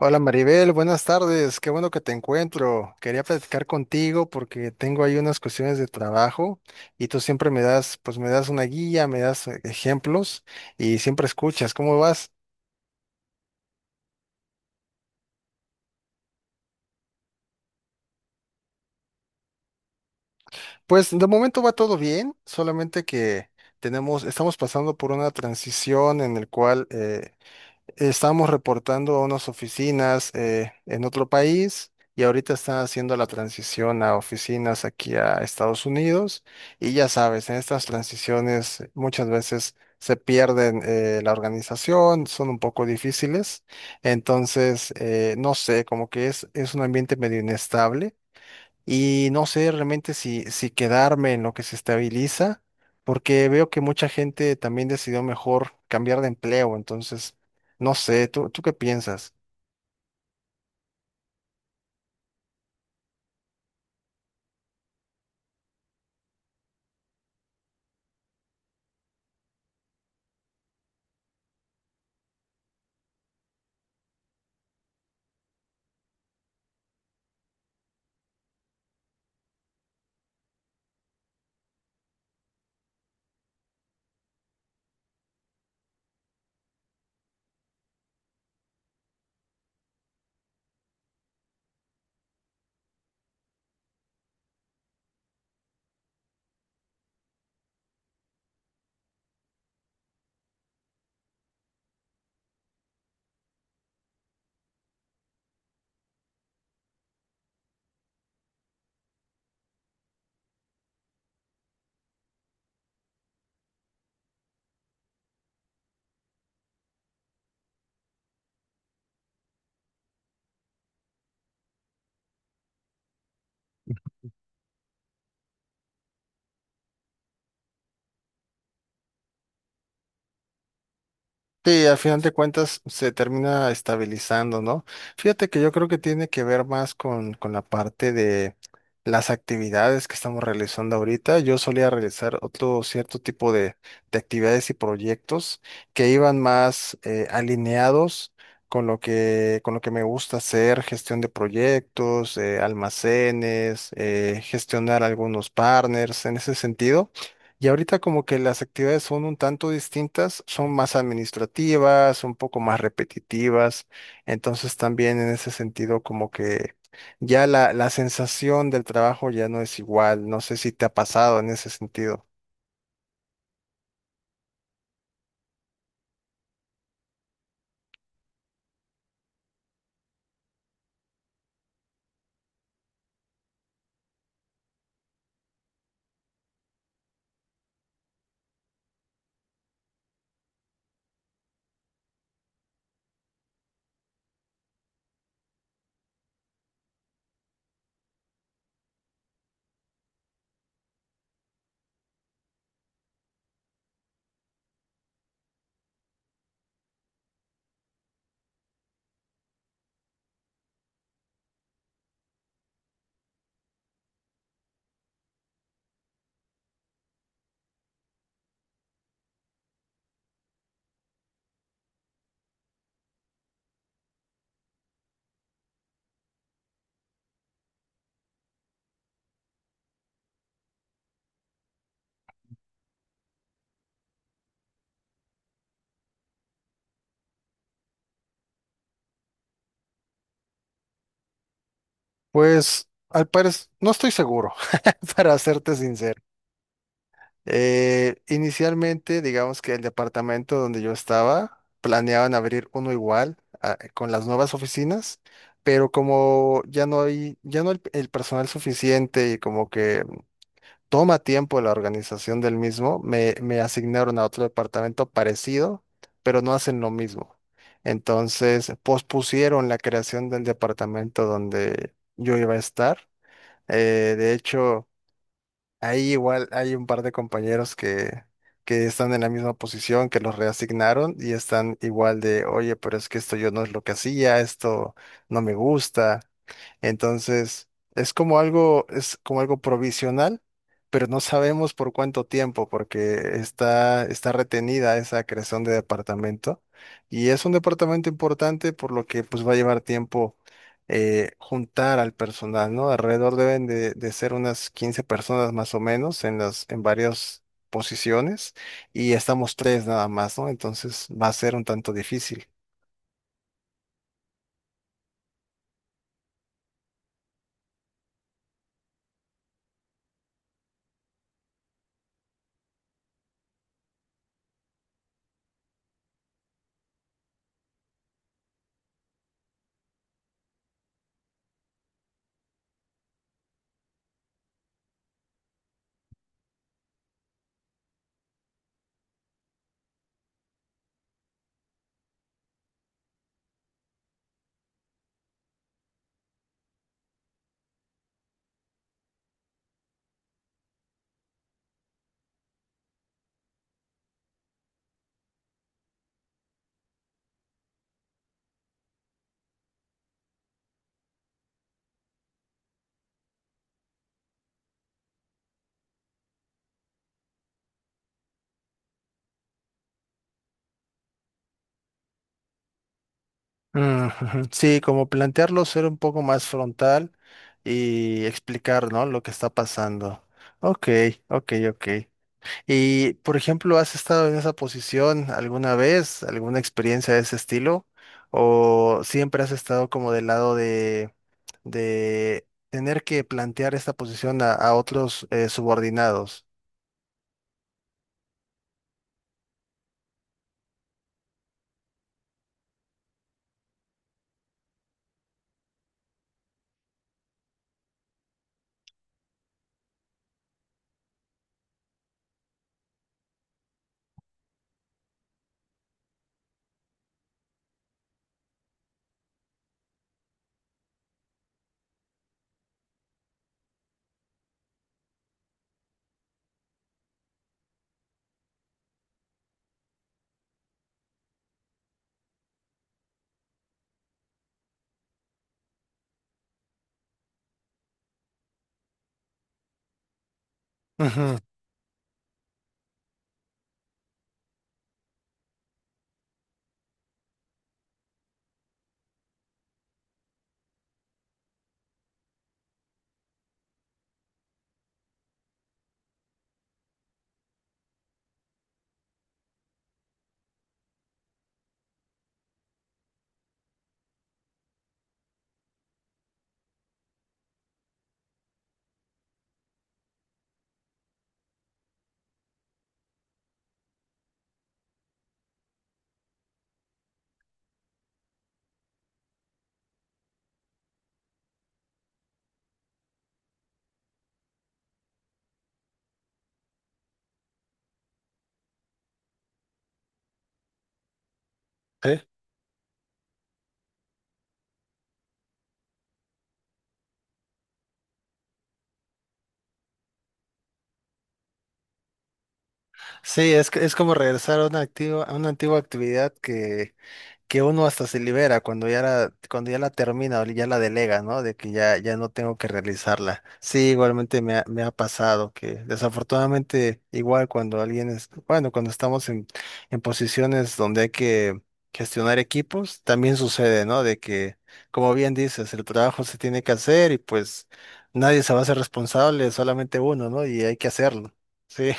Hola Maribel, buenas tardes, qué bueno que te encuentro. Quería platicar contigo porque tengo ahí unas cuestiones de trabajo y tú siempre pues me das una guía, me das ejemplos y siempre escuchas. ¿Cómo vas? Pues de momento va todo bien, solamente que estamos pasando por una transición en el cual estábamos reportando a unas oficinas en otro país y ahorita están haciendo la transición a oficinas aquí a Estados Unidos. Y ya sabes, en estas transiciones muchas veces se pierden la organización, son un poco difíciles. Entonces, no sé, como que es un ambiente medio inestable y no sé realmente si quedarme en lo que se estabiliza, porque veo que mucha gente también decidió mejor cambiar de empleo, entonces, no sé, ¿tú qué piensas? Sí, al final de cuentas se termina estabilizando, ¿no? Fíjate que yo creo que tiene que ver más con la parte de las actividades que estamos realizando ahorita. Yo solía realizar otro cierto tipo de actividades y proyectos que iban más alineados con lo que me gusta hacer, gestión de proyectos, almacenes, gestionar algunos partners en ese sentido. Y ahorita como que las actividades son un tanto distintas, son más administrativas, un poco más repetitivas, entonces también en ese sentido como que ya la sensación del trabajo ya no es igual, no sé si te ha pasado en ese sentido. Pues al parecer, no estoy seguro, para serte sincero. Inicialmente, digamos que el departamento donde yo estaba planeaban abrir uno igual con las nuevas oficinas, pero como ya no hay el personal suficiente y como que toma tiempo la organización del mismo, me asignaron a otro departamento parecido, pero no hacen lo mismo. Entonces, pospusieron la creación del departamento donde yo iba a estar. De hecho... Ahí igual hay un par de compañeros que están en la misma posición, que los reasignaron y están igual de, oye, pero es que esto yo no es lo que hacía, esto no me gusta. Entonces, es como algo provisional, pero no sabemos por cuánto tiempo, porque está retenida esa creación de departamento. Y es un departamento importante, por lo que pues va a llevar tiempo juntar al personal, ¿no? Alrededor deben de ser unas 15 personas más o menos en en varias posiciones y estamos tres nada más, ¿no? Entonces va a ser un tanto difícil. Mm, ujú. Sí, como plantearlo, ser un poco más frontal y explicar, ¿no? Lo que está pasando. Ok, ok, ok. Y, por ejemplo, ¿has estado en esa posición alguna vez? ¿Alguna experiencia de ese estilo? ¿O siempre has estado como del lado de tener que plantear esta posición a otros subordinados? Ujú. Sí. Sí, es como regresar a una antigua actividad que uno hasta se libera cuando ya la termina o ya la delega, ¿no? De que ya, ya no tengo que realizarla. Sí, igualmente me ha pasado que desafortunadamente igual cuando alguien es, bueno, cuando estamos en posiciones donde hay que gestionar equipos, también sucede, ¿no? De que, como bien dices, el trabajo se tiene que hacer y pues nadie se va a hacer responsable, solamente uno, ¿no? Y hay que hacerlo. Sí.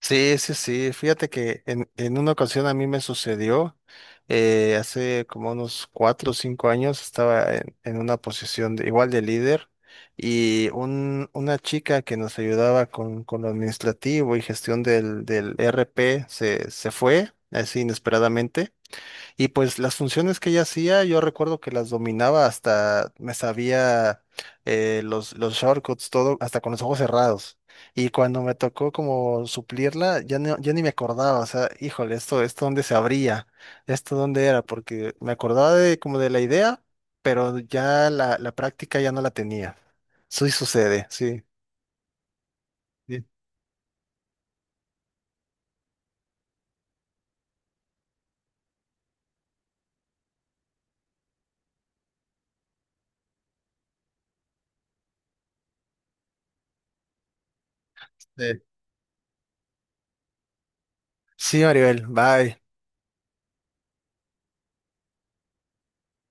Sí, sí, sí. Fíjate que en una ocasión a mí me sucedió, hace como unos cuatro o cinco años, estaba en una posición igual de líder y una chica que nos ayudaba con lo administrativo y gestión del RP se fue así inesperadamente y pues las funciones que ella hacía, yo recuerdo que las dominaba hasta, me sabía los shortcuts, todo, hasta con los ojos cerrados. Y cuando me tocó como suplirla, ya, no, ya ni me acordaba, o sea, híjole, esto dónde se abría, esto dónde era, porque me acordaba de como de la idea, pero ya la práctica ya no la tenía. Sí sucede, sí. Sí, sí. Sí, Maribel, bye.